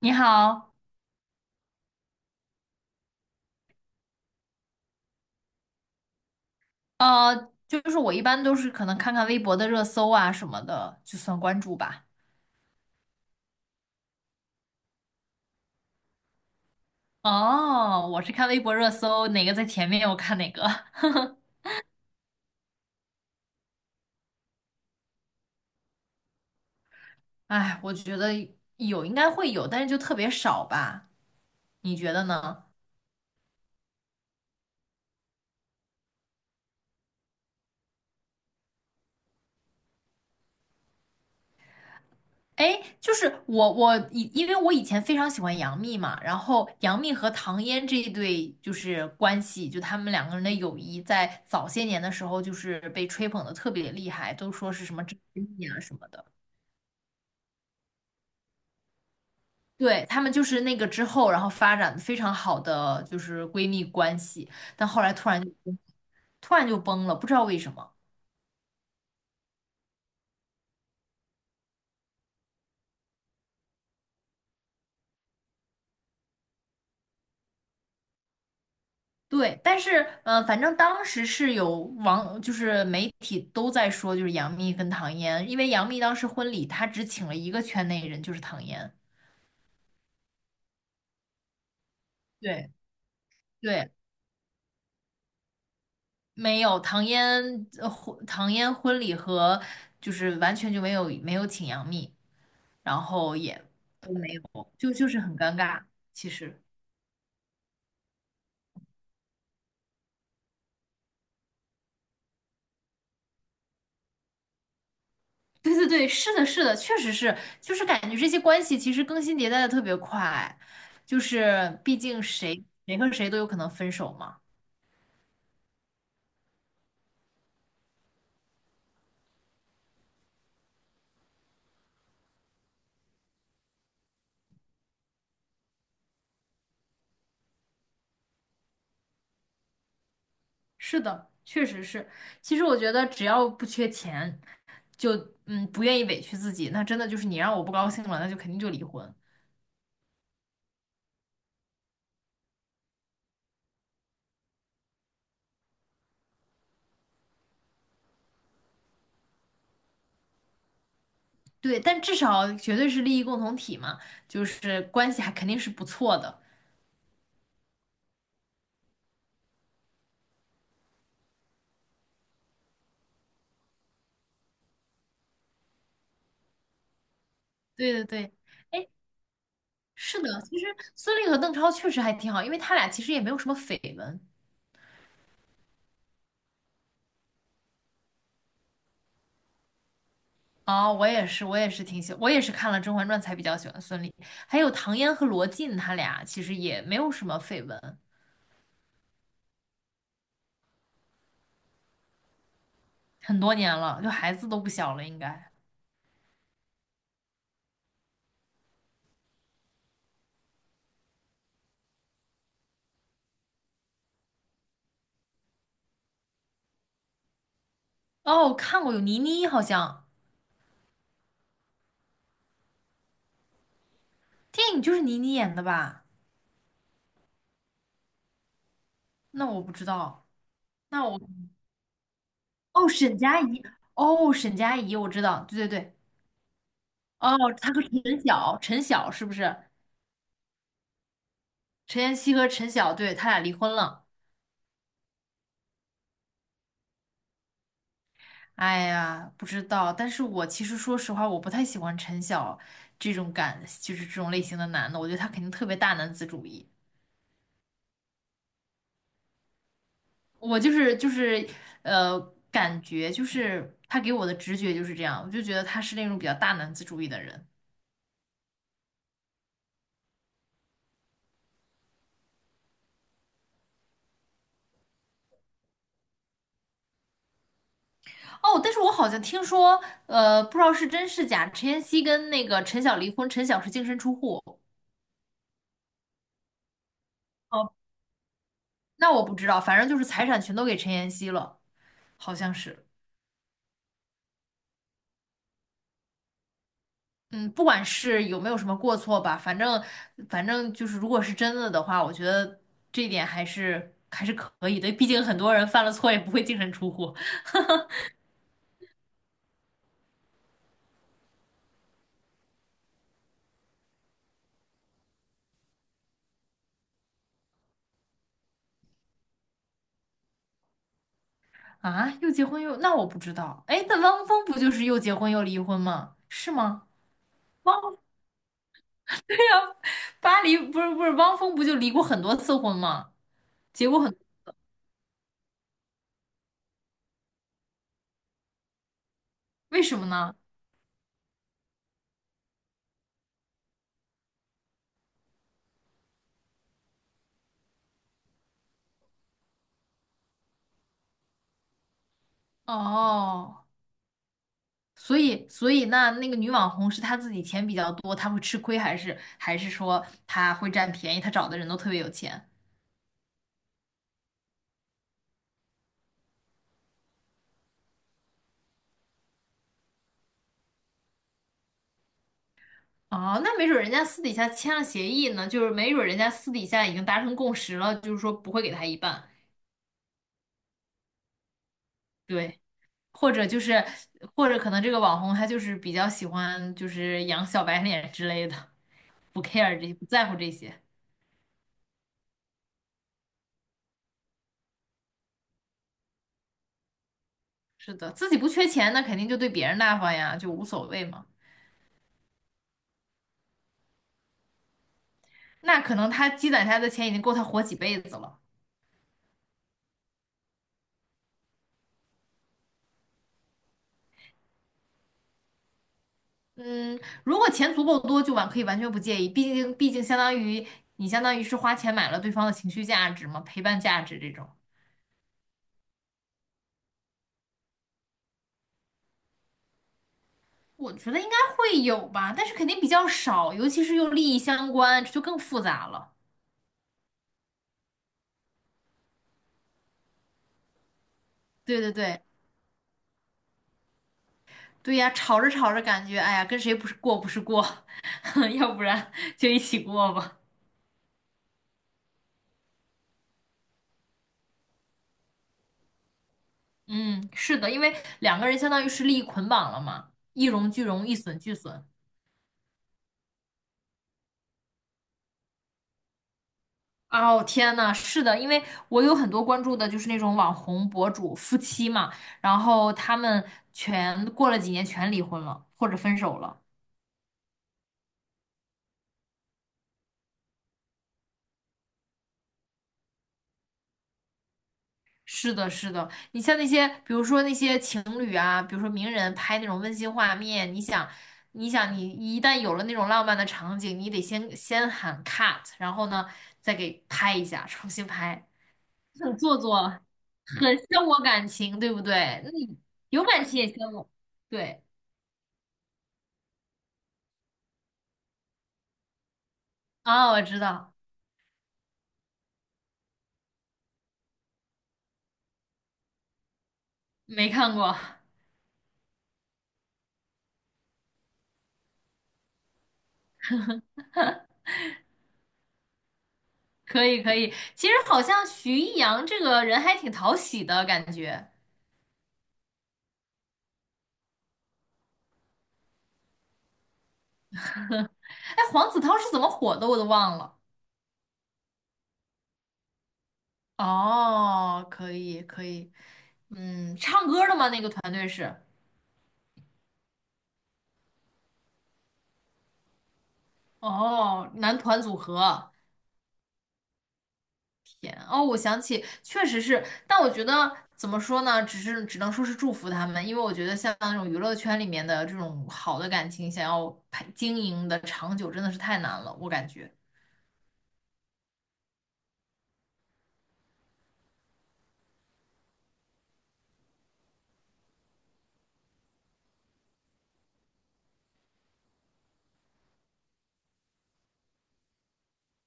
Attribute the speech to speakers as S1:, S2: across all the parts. S1: 你好，就是我一般都是可能看看微博的热搜啊什么的，就算关注吧。哦，我是看微博热搜，哪个在前面我看哪个。哎，我觉得有应该会有，但是就特别少吧？你觉得呢？哎，就是我我以因为我以前非常喜欢杨幂嘛，然后杨幂和唐嫣这一对就是关系，就他们两个人的友谊，在早些年的时候就是被吹捧的特别厉害，都说是什么知己蜜啊什么的。对，她们就是那个之后，然后发展得非常好的就是闺蜜关系，但后来突然就崩了，不知道为什么。对，但是反正当时是有网，就是媒体都在说，就是杨幂跟唐嫣，因为杨幂当时婚礼她只请了一个圈内人，就是唐嫣。对对，没有唐嫣呃婚唐嫣婚礼和就是完全就没有请杨幂，然后也都没有，就是很尴尬，其实。对对对，是的，是的，确实是，就是感觉这些关系其实更新迭代的特别快，就是毕竟谁谁和谁都有可能分手嘛。是的，确实是。其实我觉得只要不缺钱，就不愿意委屈自己，那真的就是你让我不高兴了，那就肯定就离婚。对，但至少绝对是利益共同体嘛，就是关系还肯定是不错的。对对对，是的，其实孙俪和邓超确实还挺好，因为他俩其实也没有什么绯闻。哦，我也是，我也是挺喜，我也是看了《甄嬛传》才比较喜欢孙俪，还有唐嫣和罗晋，他俩其实也没有什么绯闻，很多年了，就孩子都不小了，应该。哦，我看过有倪妮，好像电影就是倪妮演的吧？那我不知道，那我哦，沈佳宜，哦，沈佳宜，我知道，对对对，哦，她和陈晓，陈晓是不是？陈妍希和陈晓，对，他俩离婚了。哎呀，不知道，但是我其实说实话，我不太喜欢陈晓这种感，就是这种类型的男的，我觉得他肯定特别大男子主义。我就是就是，呃，感觉就是他给我的直觉就是这样，我就觉得他是那种比较大男子主义的人。哦，但是我好像听说，不知道是真是假，陈妍希跟那个陈晓离婚，陈晓是净身出户。哦，那我不知道，反正就是财产全都给陈妍希了，好像是。嗯，不管是有没有什么过错吧，反正就是，如果是真的的话，我觉得这一点还是可以的。毕竟很多人犯了错也不会净身出户啊。又结婚又……那我不知道。哎，那汪峰不就是又结婚又离婚吗？是吗？汪巴黎不是汪峰不就离过很多次婚吗？结过很……为什么呢？哦，所以那那个女网红是她自己钱比较多，她会吃亏，还是说她会占便宜？她找的人都特别有钱？哦，那没准儿人家私底下签了协议呢，就是没准儿人家私底下已经达成共识了，就是说不会给他一半，对，或者就是，或者可能这个网红他就是比较喜欢就是养小白脸之类的，不 care 这些，不在乎这些，是的，自己不缺钱，那肯定就对别人大方呀，就无所谓嘛。那可能他积攒下来的钱已经够他活几辈子了。嗯，如果钱足够多，就完可以完全不介意，毕竟相当于你相当于是花钱买了对方的情绪价值嘛，陪伴价值这种。我觉得应该会有吧，但是肯定比较少，尤其是又利益相关，这就更复杂了。对对对对呀，吵着吵着感觉，哎呀，跟谁不是过不是过，要不然 就一起过吧。嗯，是的，因为两个人相当于是利益捆绑了嘛，一荣俱荣，一损俱损。哦，天呐，是的，因为我有很多关注的就是那种网红博主夫妻嘛，然后他们全过了几年全离婚了，或者分手了。是的，是的，你像那些，比如说那些情侣啊，比如说名人拍那种温馨画面，你想，你想，你一旦有了那种浪漫的场景，你得先喊 cut，然后呢，再给拍一下，重新拍，很做作，很消磨感情，对不对？那你有感情也消磨，对啊，我知道，没看过，可以可以。其实好像徐艺洋这个人还挺讨喜的感觉，哎，黄子韬是怎么火的，我都忘了。哦，可以可以，嗯，唱歌的吗？那个团队是，哦，男团组合，天哦，我想起，确实是，但我觉得怎么说呢，只是只能说是祝福他们，因为我觉得像那种娱乐圈里面的这种好的感情，想要经营的长久，真的是太难了，我感觉。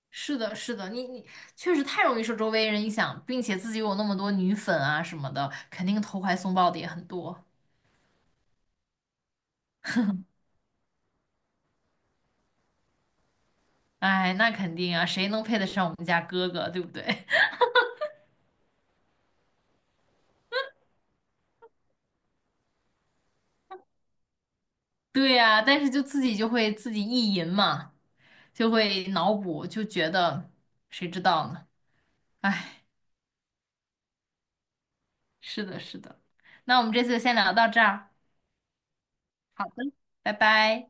S1: 是的，是的，你你确实太容易受周围人影响，并且自己有那么多女粉啊什么的，肯定投怀送抱的也很多。哎，那肯定啊，谁能配得上我们家哥哥，对不对？对呀，但是就自己就会自己意淫嘛，就会脑补，就觉得谁知道呢？哎，是的，是的。那我们这次先聊到这儿，好的，拜拜。